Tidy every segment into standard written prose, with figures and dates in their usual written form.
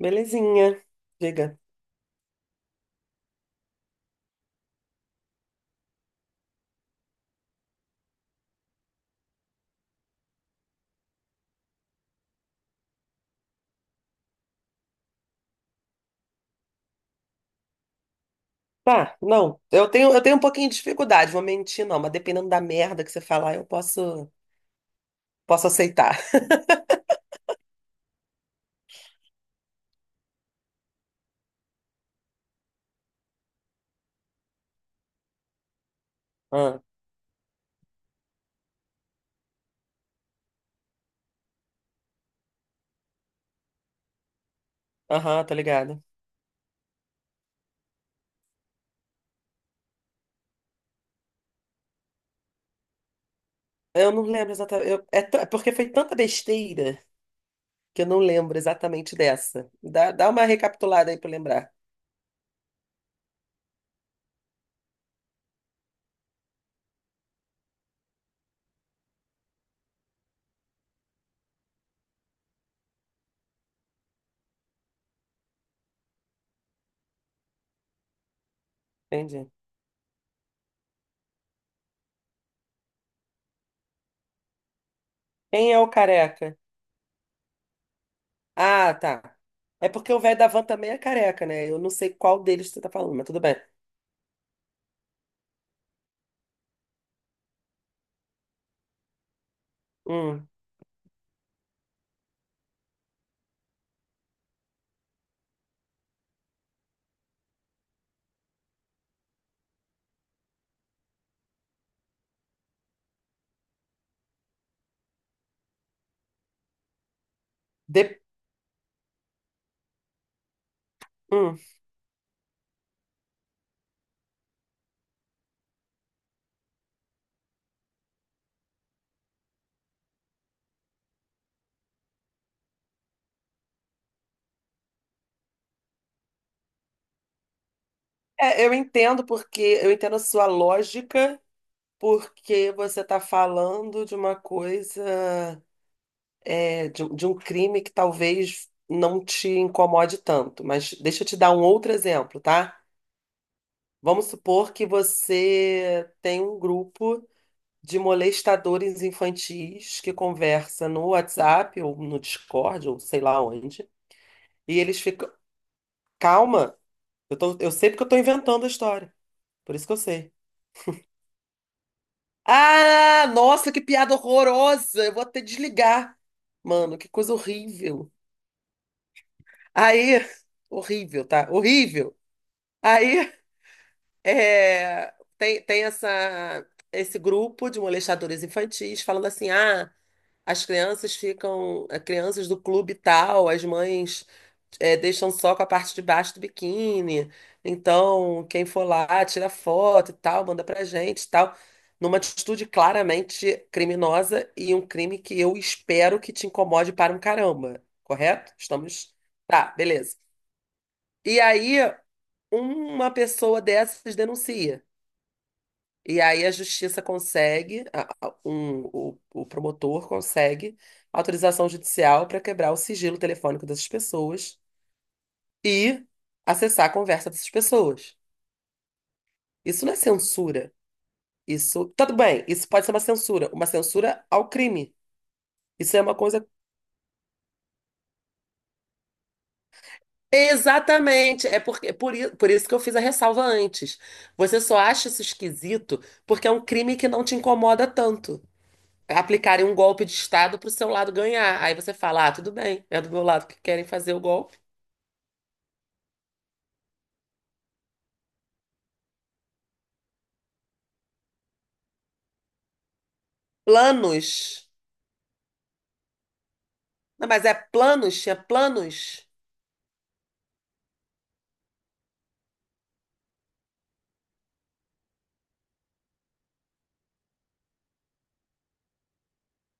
Belezinha. Diga. Tá, não. Eu tenho um pouquinho de dificuldade, vou mentir, não, mas dependendo da merda que você falar, eu posso aceitar. Ah, aham, tá ligado. Eu não lembro exatamente. É porque foi tanta besteira que eu não lembro exatamente dessa. Dá uma recapitulada aí pra eu lembrar. Entendi. Quem é o careca? Ah, tá. É porque o velho da van também é careca, né? Eu não sei qual deles você tá falando, mas tudo bem. Hum. De... Hum. É, eu entendo porque eu entendo a sua lógica, porque você tá falando de uma coisa, de um crime que talvez não te incomode tanto. Mas deixa eu te dar um outro exemplo, tá? Vamos supor que você tem um grupo de molestadores infantis que conversa no WhatsApp ou no Discord ou sei lá onde. E eles ficam. Calma, eu sei porque eu tô inventando a história. Por isso que eu sei. Ah, nossa, que piada horrorosa! Eu vou até desligar. Mano, que coisa horrível. Aí, horrível, tá? Horrível. Aí tem esse grupo de molestadores infantis falando assim: ah, as crianças ficam, as crianças do clube tal, as mães deixam só com a parte de baixo do biquíni, então quem for lá tira foto e tal, manda pra gente e tal. Numa atitude claramente criminosa e um crime que eu espero que te incomode para um caramba, correto? Estamos. Tá, beleza. E aí, uma pessoa dessas denuncia. E aí a justiça consegue, o promotor consegue autorização judicial para quebrar o sigilo telefônico dessas pessoas e acessar a conversa dessas pessoas. Isso não é censura. Isso, tudo bem, isso pode ser uma censura ao crime. Isso é uma coisa. Exatamente, por isso que eu fiz a ressalva antes. Você só acha isso esquisito porque é um crime que não te incomoda tanto. Aplicarem um golpe de Estado para o seu lado ganhar. Aí você fala, ah, tudo bem, é do meu lado que querem fazer o golpe. Planos. Não, mas é planos, tinha planos.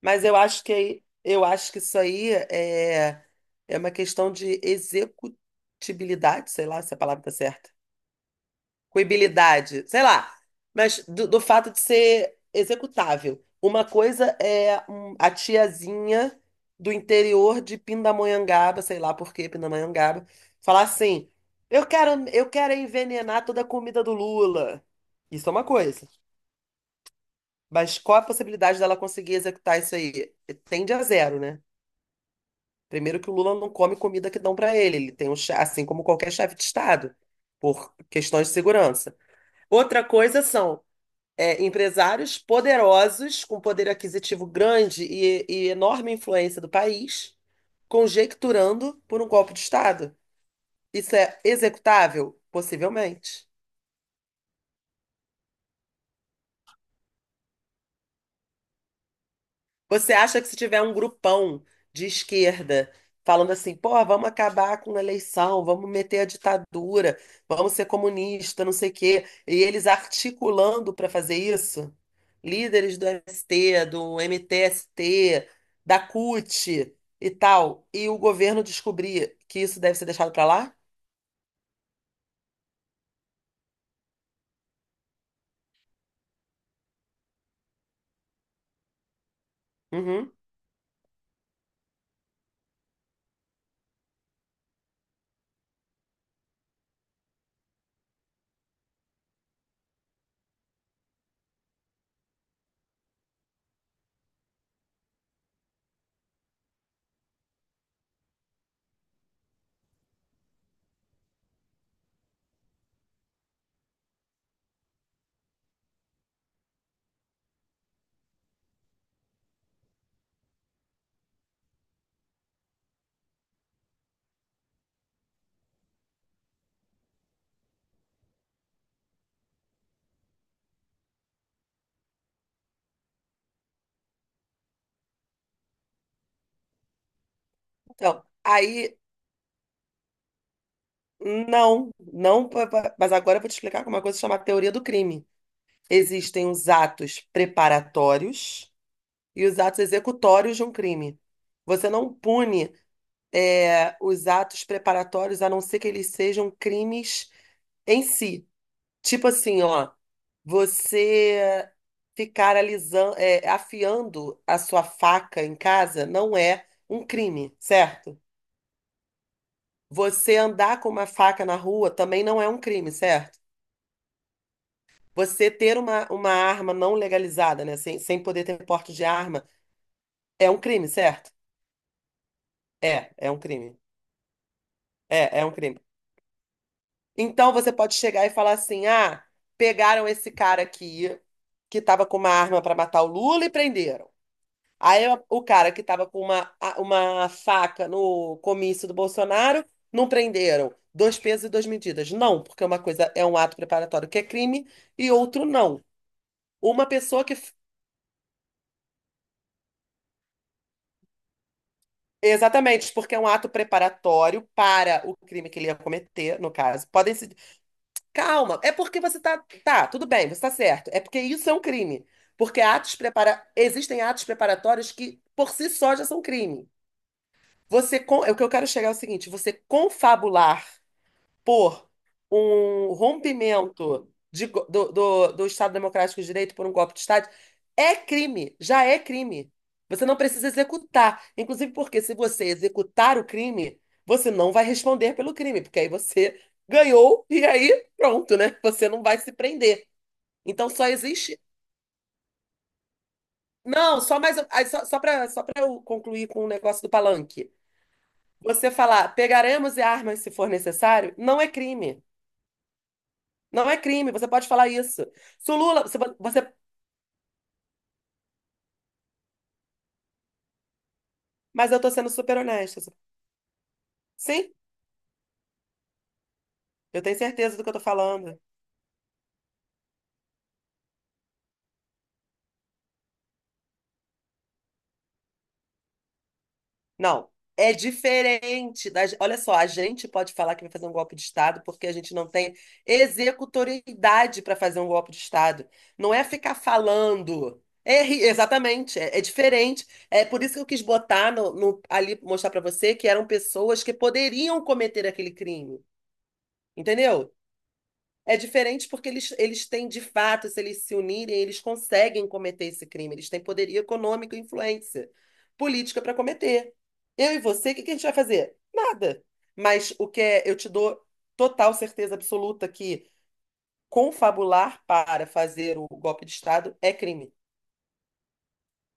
Eu acho que isso aí é, é uma questão de executibilidade, sei lá se a palavra está certa. Coibilidade, sei lá, mas do fato de ser executável. Uma coisa é a tiazinha do interior de Pindamonhangaba, sei lá por que Pindamonhangaba, falar assim: eu quero envenenar toda a comida do Lula. Isso é uma coisa. Mas qual a possibilidade dela conseguir executar isso aí? Tende a zero, né? Primeiro que o Lula não come comida que dão para ele, ele tem assim como qualquer chefe de Estado, por questões de segurança. Outra coisa são empresários poderosos, com poder aquisitivo grande e enorme influência do país, conjecturando por um golpe de Estado. Isso é executável? Possivelmente. Você acha que se tiver um grupão de esquerda falando assim, pô, vamos acabar com a eleição, vamos meter a ditadura, vamos ser comunista, não sei o quê, e eles articulando para fazer isso, líderes do MST, do MTST, da CUT e tal, e o governo descobrir que isso deve ser deixado para lá? Uhum. Então, aí, não, não, pa- pa- mas agora eu vou te explicar como uma coisa chamada teoria do crime. Existem os atos preparatórios e os atos executórios de um crime. Você não pune, os atos preparatórios a não ser que eles sejam crimes em si. Tipo assim, ó, você ficar alisando, afiando a sua faca em casa não é um crime, certo? Você andar com uma faca na rua também não é um crime, certo? Você ter uma arma não legalizada, né, sem poder ter porte de arma é um crime, certo? É, é um crime. É, é um crime. Então você pode chegar e falar assim: ah, pegaram esse cara aqui que tava com uma arma para matar o Lula e prenderam. Aí o cara que tava com uma faca no comício do Bolsonaro, não prenderam. Dois pesos e duas medidas. Não, porque uma coisa é um ato preparatório que é crime e outro não. Uma pessoa que. F- Exatamente, porque é um ato preparatório para o crime que ele ia cometer, no caso. Podem se calma, é porque você tá. Tá, tudo bem, você tá certo. É porque isso é um crime. Porque atos prepara... existem atos preparatórios que, por si só, já são crime. Você con... é O que eu quero chegar é o seguinte: você confabular por um rompimento de go- do, do, do Estado Democrático de Direito por um golpe de Estado é crime, já é crime. Você não precisa executar. Inclusive porque se você executar o crime, você não vai responder pelo crime, porque aí você ganhou e aí pronto, né? Você não vai se prender. Então só existe. Não, só mais. Aí Só, só para eu concluir com o negócio do palanque. Você falar, pegaremos armas se for necessário, não é crime. Não é crime, você pode falar isso. Se o Lula, se vo- você, mas eu tô sendo super honesta. Sim, eu tenho certeza do que eu tô falando. Não, é diferente das, olha só, a gente pode falar que vai fazer um golpe de Estado porque a gente não tem executoriedade para fazer um golpe de Estado. Não é ficar falando. É, ri- exatamente, é, é diferente. É por isso que eu quis botar ali, mostrar para você que eram pessoas que poderiam cometer aquele crime. Entendeu? É diferente porque eles têm, de fato, se eles se unirem, eles conseguem cometer esse crime. Eles têm poderio econômico e influência política para cometer. Eu e você, o que que a gente vai fazer? Nada. Mas o que é, eu te dou total certeza absoluta que confabular para fazer o golpe de Estado é crime.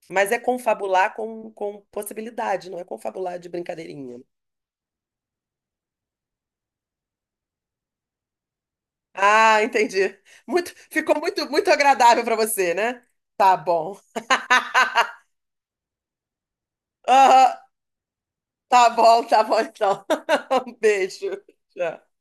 Mas é confabular com possibilidade, não é confabular de brincadeirinha. Ah, entendi. Muito, ficou muito, muito agradável para você, né? Tá bom. Aham, tá bom, tá bom então. Um beijo. Tchau.